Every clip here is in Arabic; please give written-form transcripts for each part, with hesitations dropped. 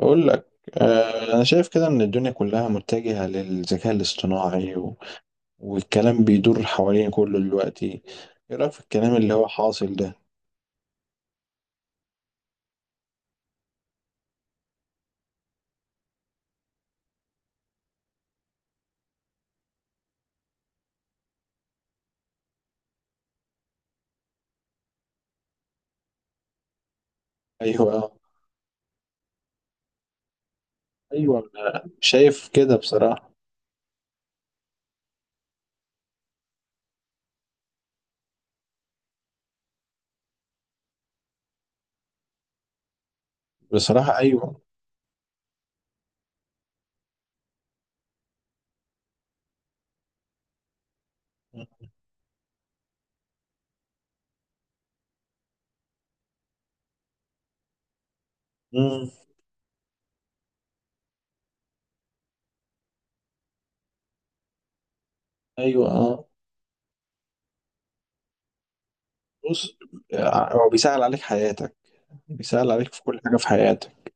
أقول لك، أنا شايف كده إن الدنيا كلها متجهة للذكاء الاصطناعي والكلام بيدور حوالين كله دلوقتي. إيه رأيك في الكلام اللي هو حاصل ده؟ أيوه، أيوه، شايف كده بصراحة. بصراحة أيوه. مم. أيوه، أه. بص، هو بيسهل عليك حياتك، بيسهل عليك في كل حاجة في حياتك.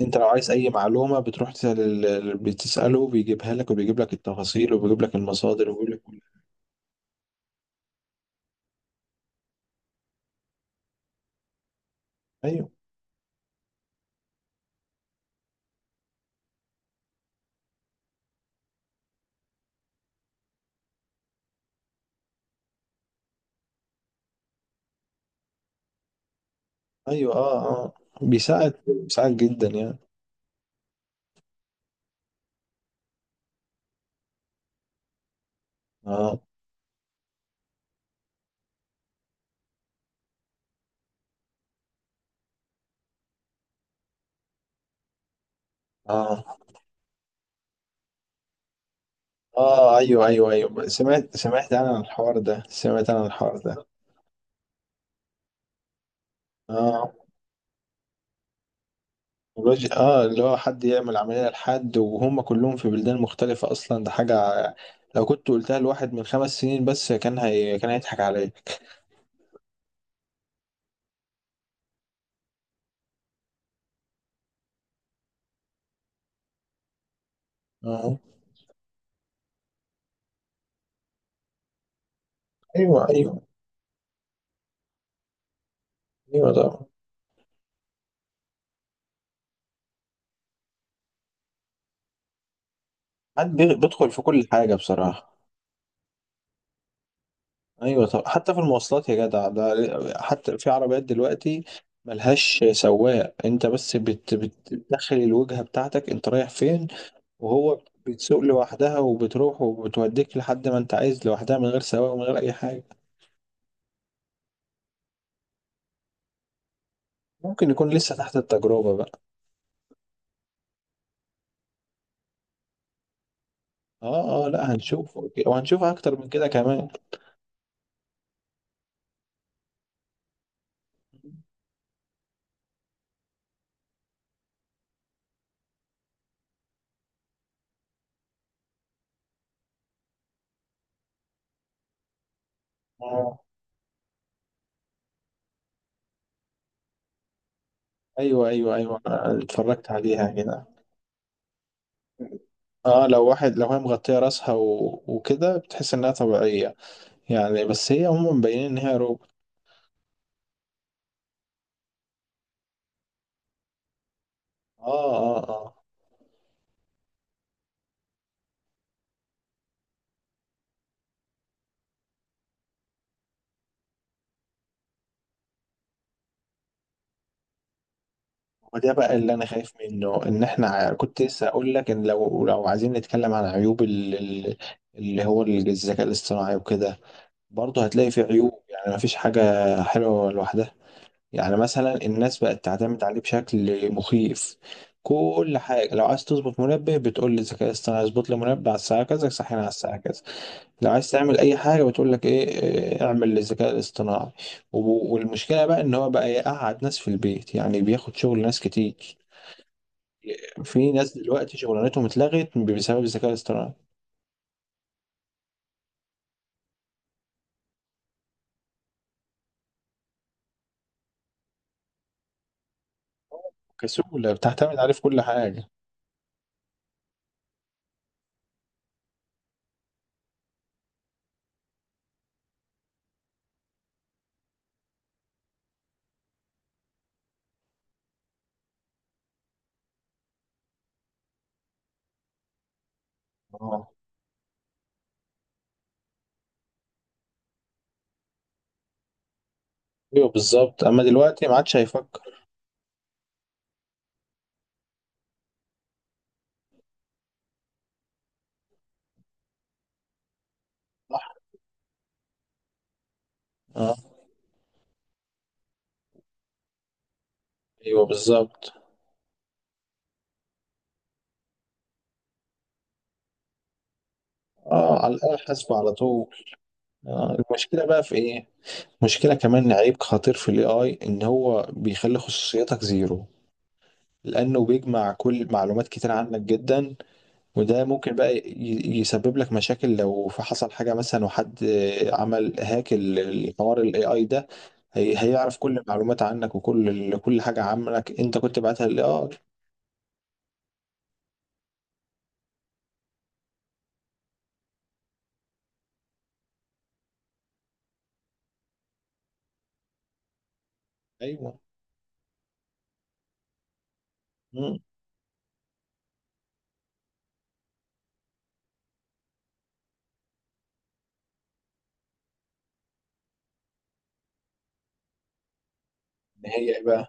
أنت لو عايز أي معلومة بتروح تسأل، بتسأله بيجيبها لك، وبيجيب لك التفاصيل، وبيجيب لك المصادر، وبيجيب لك كل... أيوه، ايوه، اه، اه، بيساعد بيساعد جدا يعني. اه، اه، اه، ايوه، ايوه، ايوه، سمعت انا عن الحوار ده. اه، الوجه، اه، اللي هو حد يعمل عملية لحد وهم كلهم في بلدان مختلفة اصلا، ده حاجة لو كنت قلتها لواحد من 5 سنين بس كان هيضحك عليا. اه، ايوه، ايوه، ايوه، ده حد بيدخل في كل حاجة بصراحة. ايوه، طب حتى في المواصلات يا جدع، ده حتى في عربيات دلوقتي ملهاش سواق، انت بس بتدخل الوجهه بتاعتك انت رايح فين، وهو بتسوق لوحدها وبتروح وبتوديك لحد ما انت عايز، لوحدها من غير سواق ومن غير اي حاجه. ممكن يكون لسه تحت التجربه بقى. اه، اه، لا، هنشوف، وهنشوف اكتر من كده كمان. اه، ايوه، ايوه، ايوه، أنا اتفرجت عليها كده. اه، لو واحد، لو هي مغطيه راسها وكده بتحس انها طبيعيه يعني، بس هي عموما مبينين ان هي روبوت. اه، اه، اه. وده بقى اللي انا خايف منه، ان احنا كنت لسه اقول لك، ان لو، لو عايزين نتكلم عن عيوب اللي هو الذكاء الاصطناعي وكده، برضه هتلاقي فيه عيوب، يعني مفيش حاجة حلوة لوحدها. يعني مثلا الناس بقت تعتمد عليه بشكل مخيف. كل حاجة، لو عايز تظبط منبه بتقول للذكاء الاصطناعي اظبط لي منبه على الساعة كذا، صحينا على الساعة كذا. لو عايز تعمل اي حاجه بتقول لك ايه إيه، اعمل للذكاء الاصطناعي. والمشكله بقى ان هو بقى يقعد ناس في البيت، يعني بياخد شغل ناس كتير. في ناس دلوقتي شغلانتهم اتلغت بسبب الذكاء الاصطناعي. كسولة بتعتمد عليه في كل حاجه. اه، ايوه بالظبط، اما دلوقتي ما عادش هيفكر. صح. اه، ايوه بالظبط. اه، على الاله حاسبه على طول. المشكله بقى في ايه؟ مشكله كمان، عيب خطير في الاي اي، ان هو بيخلي خصوصيتك زيرو، لأنه بيجمع كل معلومات كتير عنك جدا، وده ممكن بقى يسبب لك مشاكل، لو في حصل حاجة مثلا وحد عمل هاك الحوار ال AI ده، هيعرف كل المعلومات عنك، وكل كل حاجة عنك أنت كنت بعتها لل AI. أيوه. مم. هي إيه بقى؟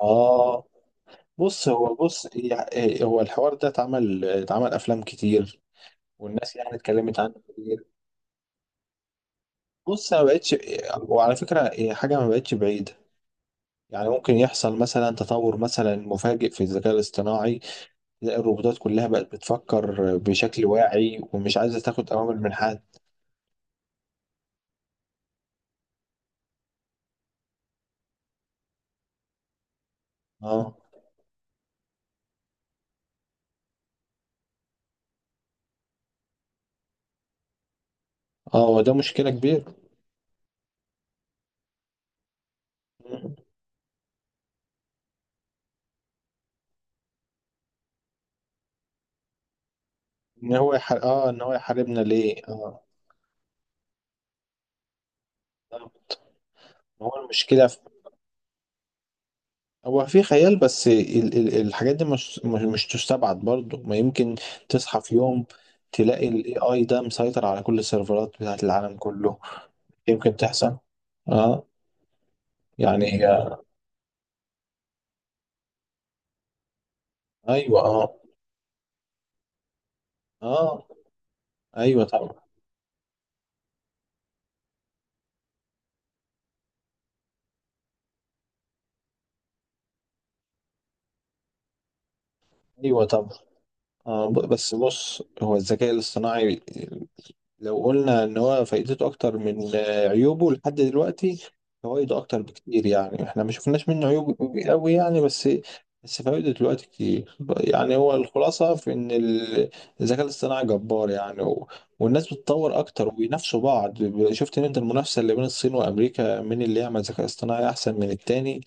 آه بص، هو بص يع- إيه، هو الحوار ده اتعمل، اتعمل أفلام كتير والناس يعني اتكلمت عنه كتير. بص أنا ما بقتش، وعلى فكرة هي حاجة ما بقتش بعيدة. يعني ممكن يحصل مثلا تطور مثلا مفاجئ في الذكاء الاصطناعي، تلاقي الروبوتات كلها بقت بتفكر بشكل واعي ومش عايزة تاخد أوامر من حد. اه، اه، وده مشكلة كبيرة. اه، ان هو يحاربنا ليه؟ اه. آه. هو المشكلة في... هو في خيال، بس الحاجات دي مش تستبعد برضو، ما يمكن تصحى في يوم تلاقي الاي اي ده مسيطر على كل السيرفرات بتاعت العالم كله. يمكن تحصل. اه، يعني هي، ايوه، اه، اه، ايوه طبعا، ايوه طبعا. بس بص، هو الذكاء الاصطناعي لو قلنا ان هو فائدته اكتر من عيوبه، لحد دلوقتي فوائده اكتر بكتير، يعني احنا ما شفناش منه عيوب قوي يعني. بس فوائده دلوقتي كتير. يعني هو الخلاصه في ان الذكاء الاصطناعي جبار يعني، و... والناس بتتطور اكتر وبينافسوا بعض. شفت ان انت المنافسه اللي بين الصين وامريكا، مين اللي يعمل ذكاء اصطناعي احسن من التاني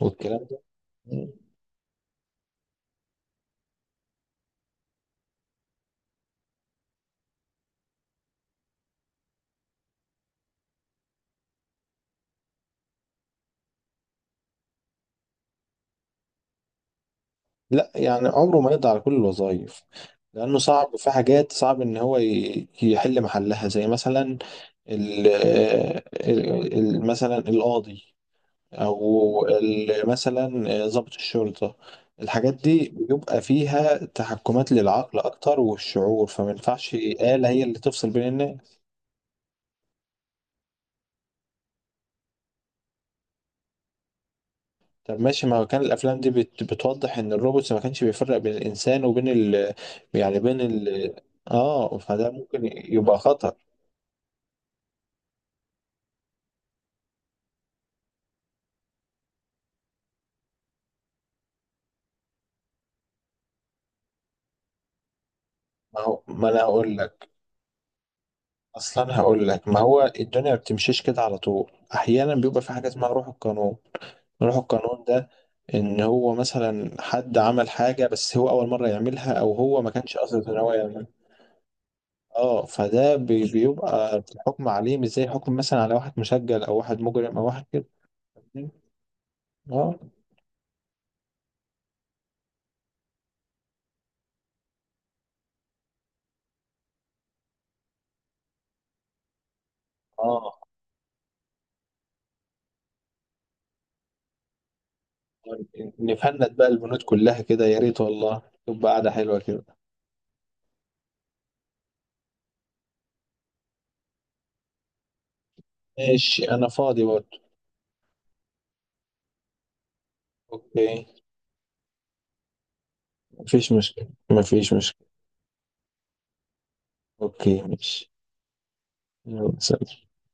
والكلام ده. لا، يعني عمره ما يقضي على كل الوظائف، لأنه صعب، في حاجات صعب إن هو يحل محلها، زي مثلا مثلا القاضي، أو مثلا ضابط الشرطة. الحاجات دي بيبقى فيها تحكمات للعقل أكتر والشعور، فما ينفعش آلة هي اللي تفصل بين الناس. طب ماشي، ما كان الأفلام دي بتوضح إن الروبوت ما كانش بيفرق بين الإنسان وبين ال، يعني بين ال، فده ممكن يبقى خطر. ما هو، ما انا هقول لك، اصلا هقول لك، ما هو الدنيا ما بتمشيش كده على طول، احيانا بيبقى في حاجه اسمها روح القانون. روح القانون ده، ان هو مثلا حد عمل حاجه بس هو اول مره يعملها، او هو ما كانش قصده ان هو يعملها. اه، فده بيبقى الحكم عليه مش زي حكم مثلا على واحد مسجل، او واحد مجرم، او واحد كده. اه، اه. نفند بقى البنود كلها كده يا ريت والله، تبقى قاعده حلوه كده. ماشي، انا فاضي برضه. اوكي، مفيش مشكله، مفيش مشكله. اوكي ماشي. يلا سلام.